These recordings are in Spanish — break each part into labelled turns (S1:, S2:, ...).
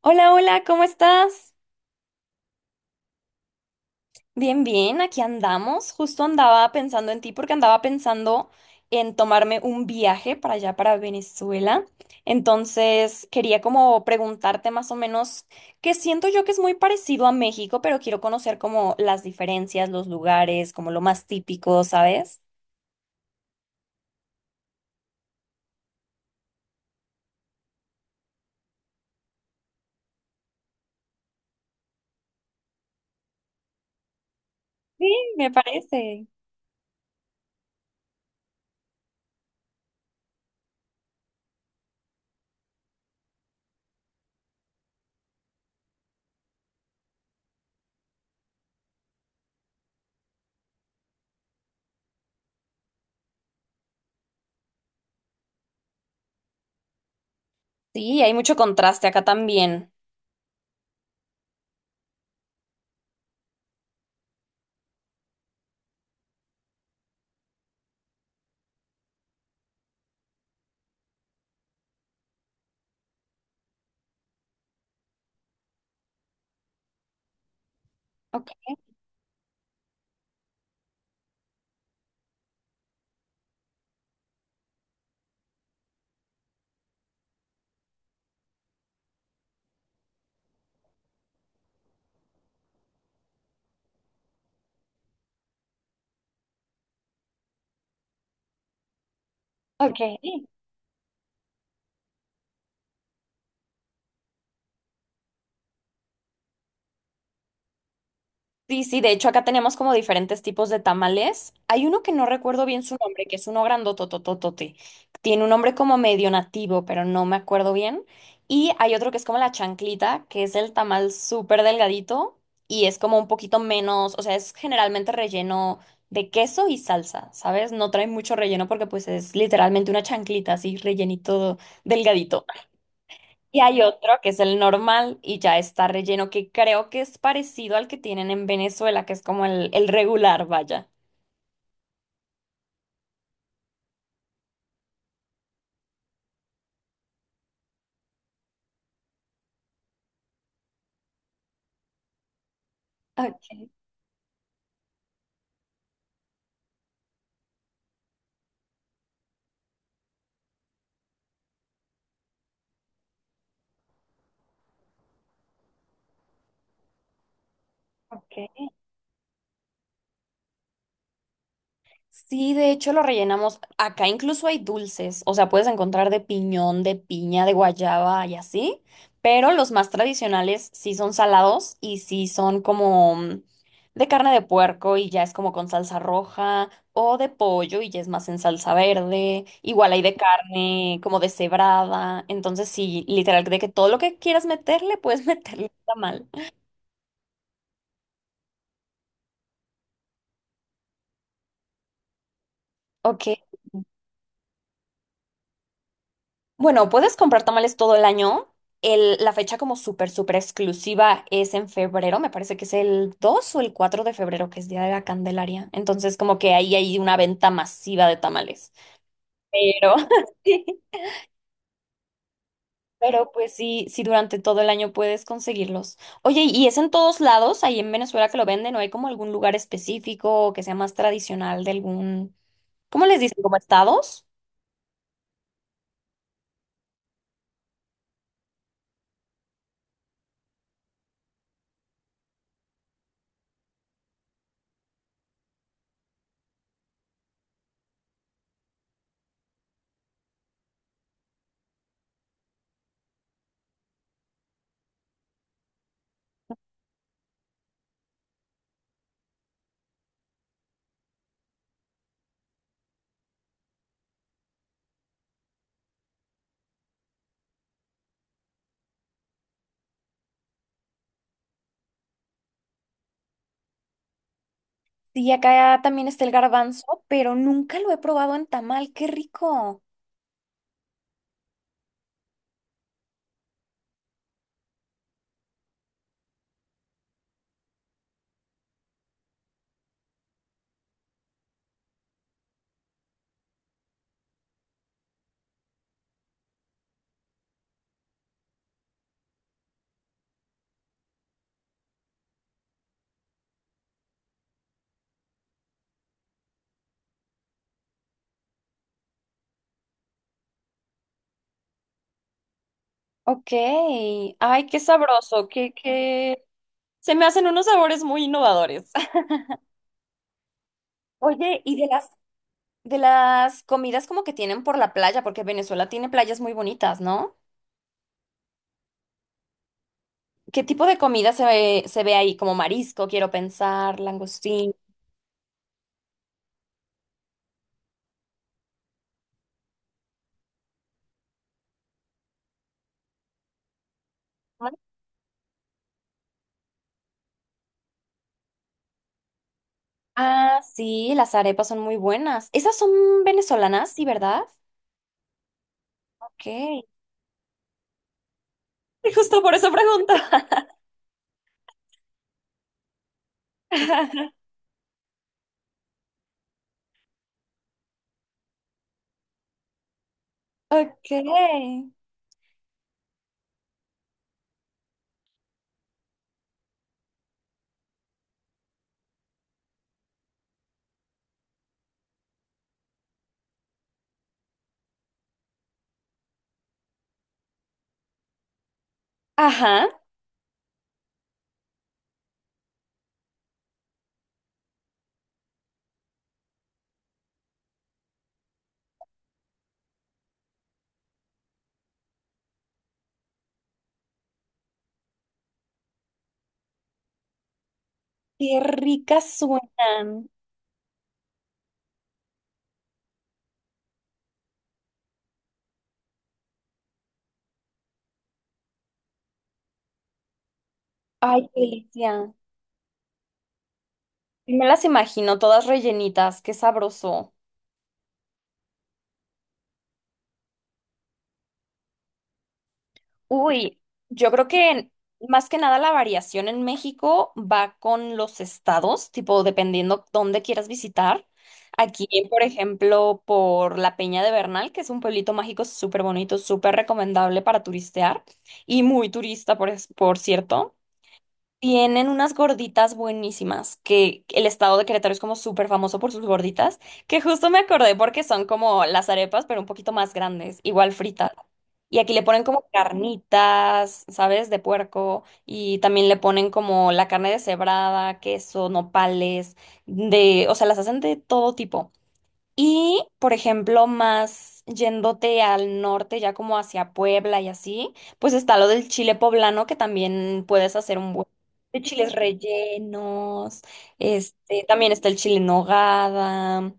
S1: Hola, hola, ¿cómo estás? Bien, bien, aquí andamos. Justo andaba pensando en ti porque andaba pensando en tomarme un viaje para allá, para Venezuela. Entonces, quería como preguntarte más o menos, que siento yo que es muy parecido a México, pero quiero conocer como las diferencias, los lugares, como lo más típico, ¿sabes? Sí, me parece. Sí, hay mucho contraste acá también. Ok, ok. Sí, sí, de hecho acá tenemos como diferentes tipos de tamales. Hay uno que no recuerdo bien su nombre, que es uno grandotototote. Tiene un nombre como medio nativo, pero no me acuerdo bien. Y hay otro que es como la chanclita, que es el tamal súper delgadito y es como un poquito menos, o sea, es generalmente relleno de queso y salsa, ¿sabes? No trae mucho relleno porque pues es literalmente una chanclita así, rellenito delgadito. Y hay otro que es el normal y ya está relleno, que creo que es parecido al que tienen en Venezuela, que es como el regular, vaya. Ok, ok. Sí, de hecho lo rellenamos. Acá incluso hay dulces, o sea, puedes encontrar de piñón, de piña, de guayaba y así, pero los más tradicionales sí son salados y sí son como de carne de puerco y ya es como con salsa roja o de pollo y ya es más en salsa verde. Igual hay de carne como deshebrada, entonces sí, literal, de que todo lo que quieras meterle, puedes meterle está mal. Ok. Bueno, puedes comprar tamales todo el año. El- la fecha como súper, súper exclusiva es en febrero. Me parece que es el 2 o el 4 de febrero, que es Día de la Candelaria. Entonces, como que ahí hay una venta masiva de tamales. Pero, sí, pero pues sí, sí, durante todo el año puedes conseguirlos. Oye, ¿y es en todos lados, ahí en Venezuela que lo venden? ¿O hay como algún lugar específico que sea más tradicional de algún... ¿Cómo les dicen? ¿Como estados? Sí, acá también está el garbanzo, pero nunca lo he probado en tamal. ¡Qué rico! Ok, ay, qué sabroso, qué, qué... Se me hacen unos sabores muy innovadores. Oye, y de las comidas como que tienen por la playa, porque Venezuela tiene playas muy bonitas, ¿no? ¿Qué tipo de comida se ve ahí? Como marisco, quiero pensar, langostín. Ah, sí, las arepas son muy buenas. Esas son venezolanas, sí, ¿verdad? Ok. Y justo por esa pregunta. Ok. Ajá. Qué ricas suenan. Ay, qué delicia. Y me las imagino todas rellenitas, qué sabroso. Uy, yo creo que más que nada la variación en México va con los estados, tipo dependiendo dónde quieras visitar. Aquí, por ejemplo, por la Peña de Bernal, que es un pueblito mágico súper bonito, súper recomendable para turistear y muy turista, por, es- por cierto. Tienen unas gorditas buenísimas, que el estado de Querétaro es como súper famoso por sus gorditas, que justo me acordé porque son como las arepas, pero un poquito más grandes, igual fritas. Y aquí le ponen como carnitas, ¿sabes? De puerco, y también le ponen como la carne deshebrada, queso, nopales, de, o sea, las hacen de todo tipo. Y, por ejemplo, más yéndote al norte, ya como hacia Puebla y así, pues está lo del chile poblano, que también puedes hacer un buen de chiles rellenos, este, también está el chile en nogada.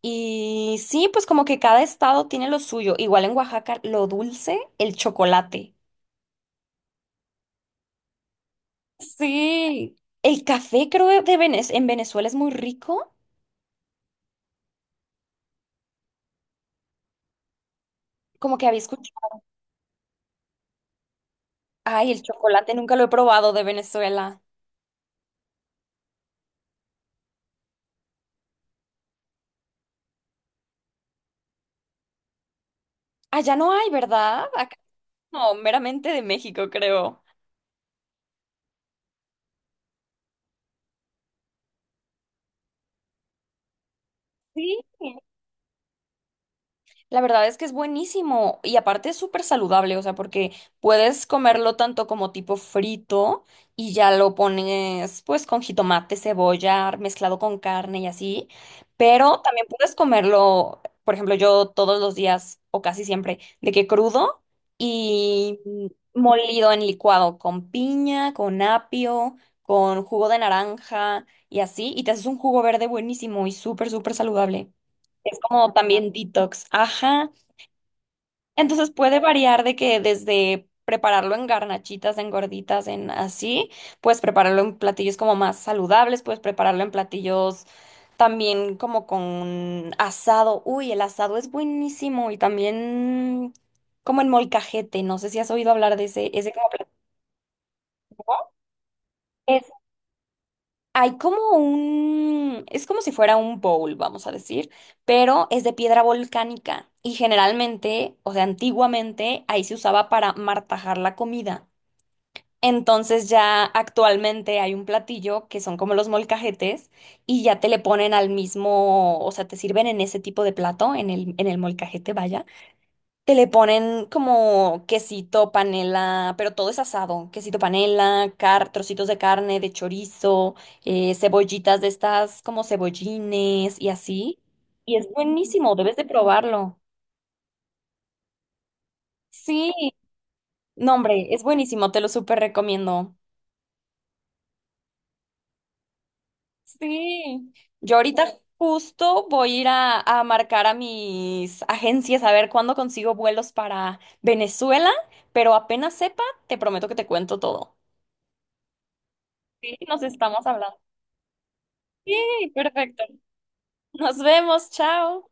S1: Y sí, pues como que cada estado tiene lo suyo. Igual en Oaxaca, lo dulce, el chocolate. Sí. El café, creo, de Venez- en Venezuela es muy rico. Como que había escuchado. Ay, el chocolate nunca lo he probado de Venezuela. Allá no hay, ¿verdad? Acá no, meramente de México, creo. Sí. La verdad es que es buenísimo y aparte es súper saludable, o sea, porque puedes comerlo tanto como tipo frito y ya lo pones pues con jitomate, cebolla, mezclado con carne y así, pero también puedes comerlo, por ejemplo, yo todos los días o casi siempre, de que crudo y molido en licuado con piña, con apio, con jugo de naranja y así, y te haces un jugo verde buenísimo y súper, súper saludable. Es como también detox. Ajá. Entonces puede variar de que desde prepararlo en garnachitas, en gorditas, en así, puedes prepararlo en platillos como más saludables, puedes prepararlo en platillos también como con asado. Uy, el asado es buenísimo y también como en molcajete, no sé si has oído hablar de ese, ese como platillo. Hay como un, es como si fuera un bowl, vamos a decir, pero es de piedra volcánica y generalmente, o sea, antiguamente ahí se usaba para martajar la comida. Entonces ya actualmente hay un platillo que son como los molcajetes y ya te le ponen al mismo, o sea, te sirven en ese tipo de plato, en el molcajete, vaya. Que le ponen como quesito, panela, pero todo es asado. Quesito, panela, car trocitos de carne, de chorizo, cebollitas de estas como cebollines y así. Y es buenísimo, debes de probarlo. Sí, no, hombre, es buenísimo, te lo súper recomiendo. Sí. Yo ahorita justo voy a ir a marcar a mis agencias a ver cuándo consigo vuelos para Venezuela, pero apenas sepa, te prometo que te cuento todo. Sí, nos estamos hablando. Sí, perfecto. Nos vemos, chao.